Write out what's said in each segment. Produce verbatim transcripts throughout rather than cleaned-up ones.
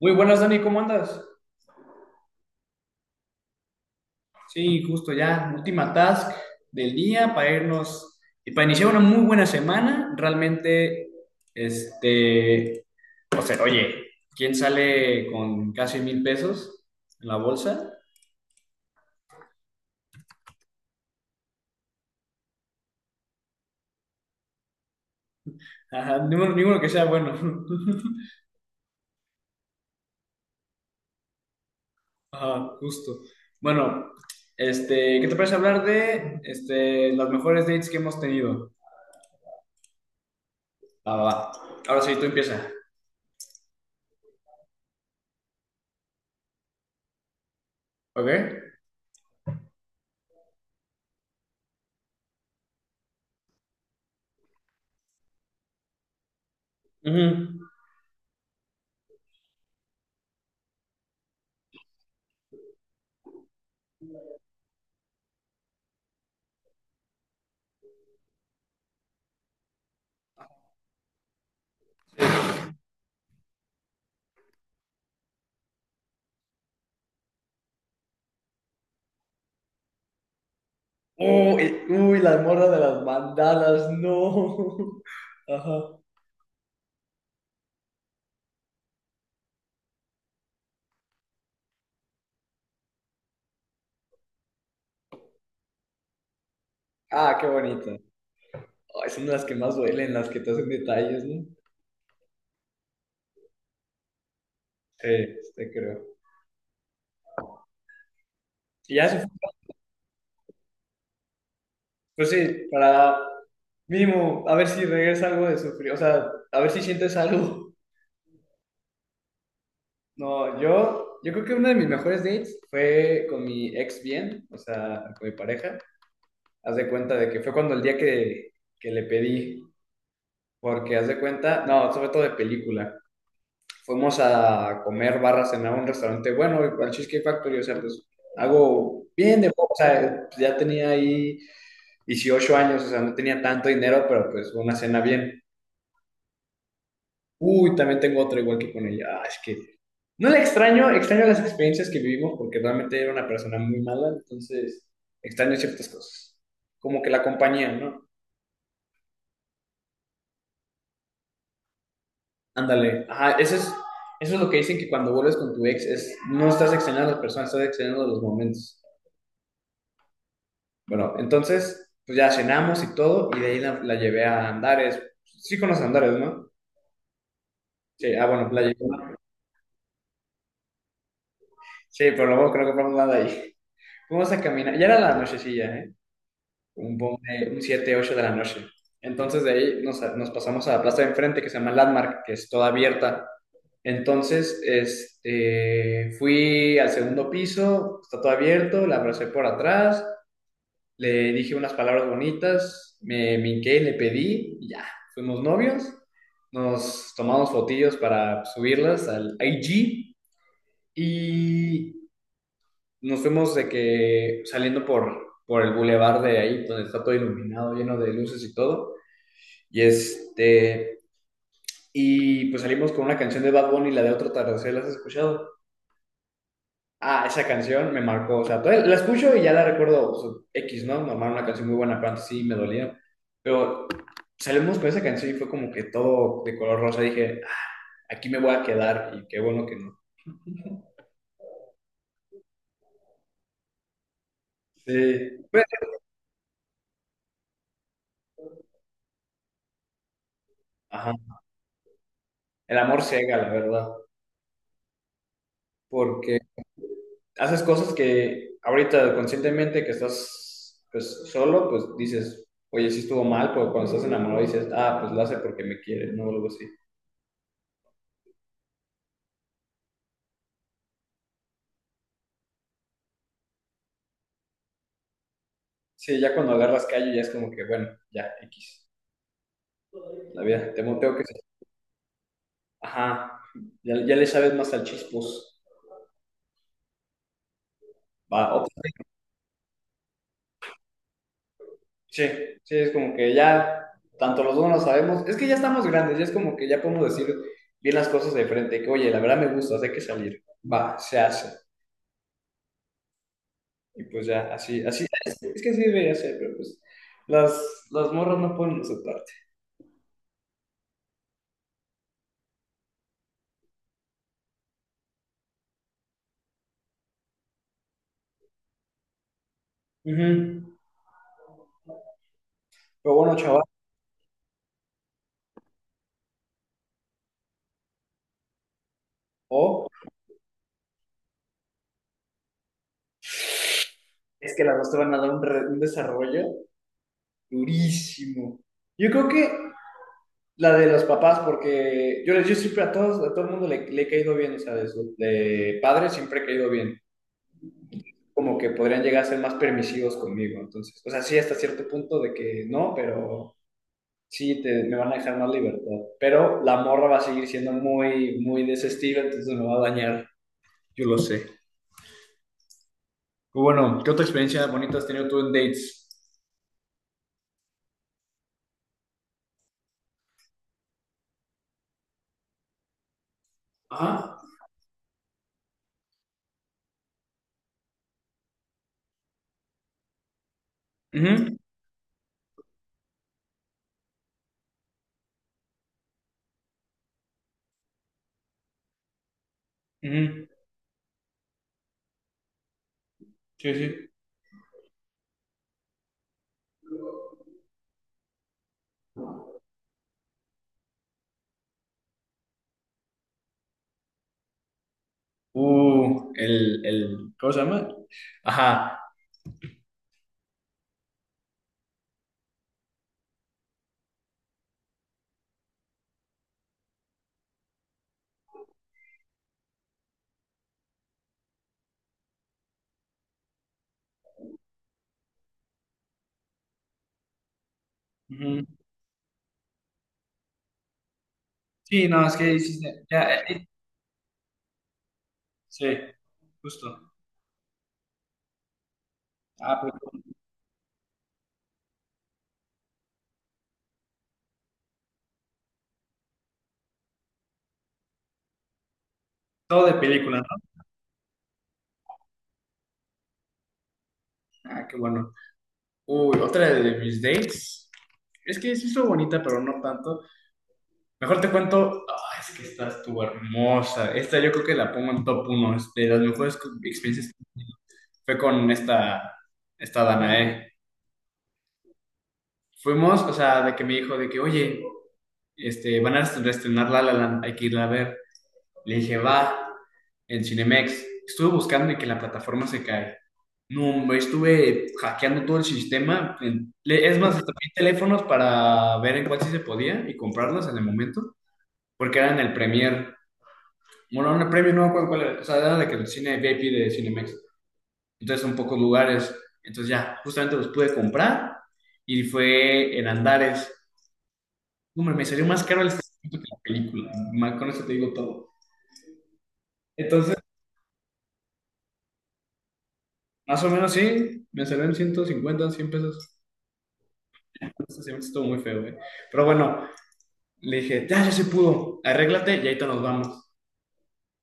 Muy buenas, Dani, ¿cómo andas? Sí, justo ya, última task del día para irnos y para iniciar una muy buena semana. Realmente, este, o sea, oye, ¿quién sale con casi mil pesos en la bolsa? Ajá, ninguno, ninguno que sea bueno. Ajá, justo. Bueno, este, ¿qué te parece hablar de este, las mejores dates que hemos tenido? Va, va, va. Ahora sí, tú empieza. ¿Ok? Ujú. Uy, uy, las morras de las bandanas, no. Ajá. Ah, qué bonito. Ay, son las que más duelen, las que te hacen detalles, ¿no? Sí, te creo. Y ya, eso, pues sí, para mínimo, a ver si regresa algo de sufrir, o sea, a ver si sientes algo. No, yo, yo creo que uno de mis mejores dates fue con mi ex bien, o sea, con mi pareja. Haz de cuenta de que fue cuando el día que, que le pedí, porque haz de cuenta, no, sobre todo de película. Fuimos a comer barra, cenar a un restaurante bueno, al Cheesecake Factory, o sea, pues algo bien de, o sea, pues, ya tenía ahí dieciocho años, o sea, no tenía tanto dinero, pero pues una cena bien. Uy, también tengo otra igual que con ella. Ah, es que no la extraño, extraño las experiencias que vivimos porque realmente era una persona muy mala, entonces extraño ciertas cosas. Como que la compañía, ¿no? Ándale. Ajá, eso es, eso es lo que dicen que cuando vuelves con tu ex es no estás extrañando a las personas, estás extrañando los momentos. Bueno, entonces, pues ya cenamos y todo, y de ahí la, la llevé a Andares. Sí conoces Andares, ¿no? Sí, ah, bueno, la llevé. Sí, pero luego creo que compramos nada ahí. Fuimos a caminar, ya era la nochecilla, ¿eh? Un, pon- eh, un siete, ocho de la noche. Entonces de ahí nos, nos pasamos a la plaza de enfrente que se llama Landmark, que es toda abierta. Entonces, este, fui al segundo piso, está todo abierto, la abracé por atrás, le dije unas palabras bonitas, me minqué, le pedí, y ya, fuimos novios, nos tomamos fotillos para subirlas al I G y nos fuimos de que saliendo por, por el bulevar de ahí, donde está todo iluminado, lleno de luces y todo, y este, y pues salimos con una canción de Bad Bunny, la de Otro Atardecer, ¿la has escuchado? Ah, esa canción me marcó, o sea, todavía la escucho y ya la recuerdo, o sea, X, ¿no? Normal, una canción muy buena, pero antes sí me dolía. Pero salimos con esa canción y fue como que todo de color rosa. Dije, "Ah, aquí me voy a quedar y qué bueno que no." Sí, pues, ajá, el amor ciega, la verdad, porque haces cosas que ahorita conscientemente que estás pues solo, pues dices, oye, sí estuvo mal, pero cuando estás enamorado dices, ah, pues lo hace porque me quiere, no, o algo así. Sí, ya cuando agarras callo ya es como que, bueno, ya, X. La vida, te monteo que... se- Ajá, ya, ya le sabes más al chispos. Va, ok. Sí, sí, es como que ya, tanto los dos no lo sabemos, es que ya estamos grandes, ya es como que ya podemos decir bien las cosas de frente, que oye, la verdad me gusta, hay que salir. Va, se hace. Y pues ya, así, así, es, es que así debería ser, pero pues las, las morras no pueden aceptarte. Ujú. Pero bueno, chaval, o es que las dos te van a dar un, re- un desarrollo durísimo. Yo creo que la de los papás, porque yo, les- yo siempre a todos, a todo el mundo le, le he caído bien, o sea, de, su- de padres siempre he caído bien. Como que podrían llegar a ser más permisivos conmigo, entonces, o sea, sí, hasta cierto punto de que no, pero sí, te, me van a dejar más libertad. Pero la morra va a seguir siendo muy, muy de ese estilo, entonces me va a dañar, yo lo sé. Pero bueno, ¿qué otra experiencia bonita has tenido tú en dates? Ajá. Ujú, ujú. Sí, sí. Uh, el, el, ¿cómo se llama? Ajá. Ujú. Sí, no, es que hiciste, ya, eh, eh, sí, justo. Ah, pues todo de película, ¿no? Ah, qué bueno. Uy, otra de mis dates. Es que sí estuvo bonita, pero no tanto. Mejor te cuento, ah, es que esta estuvo hermosa. Esta yo creo que la pongo en top uno es de las mejores co- experiencias que he tenido. Fue con esta, esta Danae. Fuimos, o sea, de que me dijo de que, oye, este, van a reestrenar La La Land, hay que irla a ver. Le dije, va, en Cinemex. Estuve buscando y que la plataforma se cae. No, hombre, estuve hackeando todo el sistema. en- le- Es más, hasta pedí teléfonos para ver en cuál sí se podía y comprarlos en el momento, porque eran el Premier. Bueno, en el Premier no me acuerdo cuál era. O sea, era de que el cine VIP de Cinemex. Entonces son pocos lugares. Entonces ya, justamente los pude comprar y fue en Andares. No, hombre, me salió más caro el estacionamiento que la película. Ma- Con eso te digo todo. Más o menos sí, me salió en ciento cincuenta cien pesos. Este semestre estuvo muy feo, güey. Pero bueno, le dije, ya, ya se pudo, arréglate y ahorita nos vamos,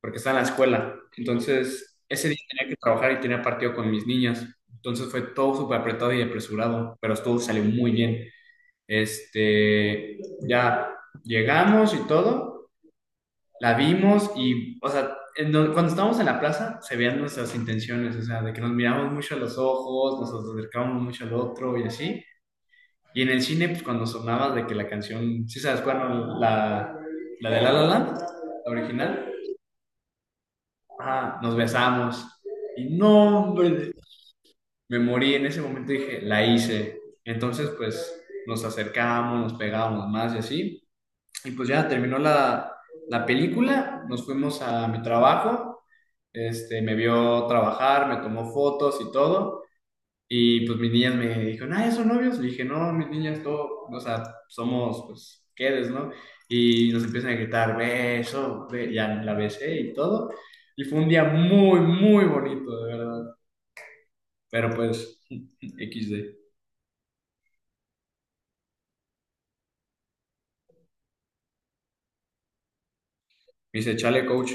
porque está en la escuela. Entonces, ese día tenía que trabajar y tenía partido con mis niñas. Entonces fue todo súper apretado y apresurado, pero todo salió muy bien. Este, ya llegamos y todo, la vimos y, o sea, en don- cuando estábamos en la plaza se veían nuestras intenciones, o sea, de que nos miramos mucho a los ojos, nos acercamos mucho al otro y así. Y en el cine, pues cuando sonaba de que la canción, ¿sí sabes cuál? ¿No? La, la de La La Land, la original. Ah, nos besamos. Y no, hombre, me morí. En ese momento dije, la hice. Entonces, pues nos acercamos, nos pegábamos más y así. Y pues ya terminó la, la película, nos fuimos a mi trabajo. Este, me vio trabajar, me tomó fotos y todo. Y pues mis niñas me dijeron, ah, ¿ya son novios? Le dije, no, mis niñas, todo, o sea, somos, pues, quedes, ¿no? Y nos empiezan a gritar, beso, be-". Ya la besé y todo. Y fue un día muy, muy bonito, de verdad. Pero pues, equis de. Me dice, chale, coach,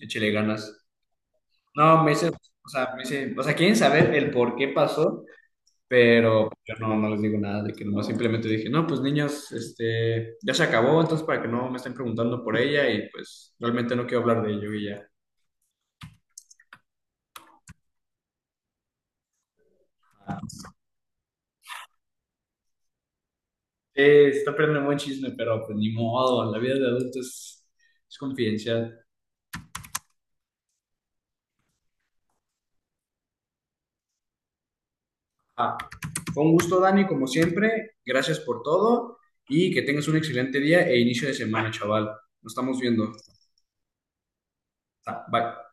échale ganas. No, me dice, o sea, me dice, o sea, quieren saber el por qué pasó. Pero yo no, no les digo nada de que nomás simplemente dije, no, pues niños, este, ya se acabó, entonces para que no me estén preguntando por ella y pues realmente no quiero hablar de ello y ya. Eh, está perdiendo un buen chisme, pero pues ni modo, la vida de adulto es, es confidencial. Ah, fue un gusto, Dani, como siempre, gracias por todo y que tengas un excelente día e inicio de semana, chaval. Nos estamos viendo. Ah, bye.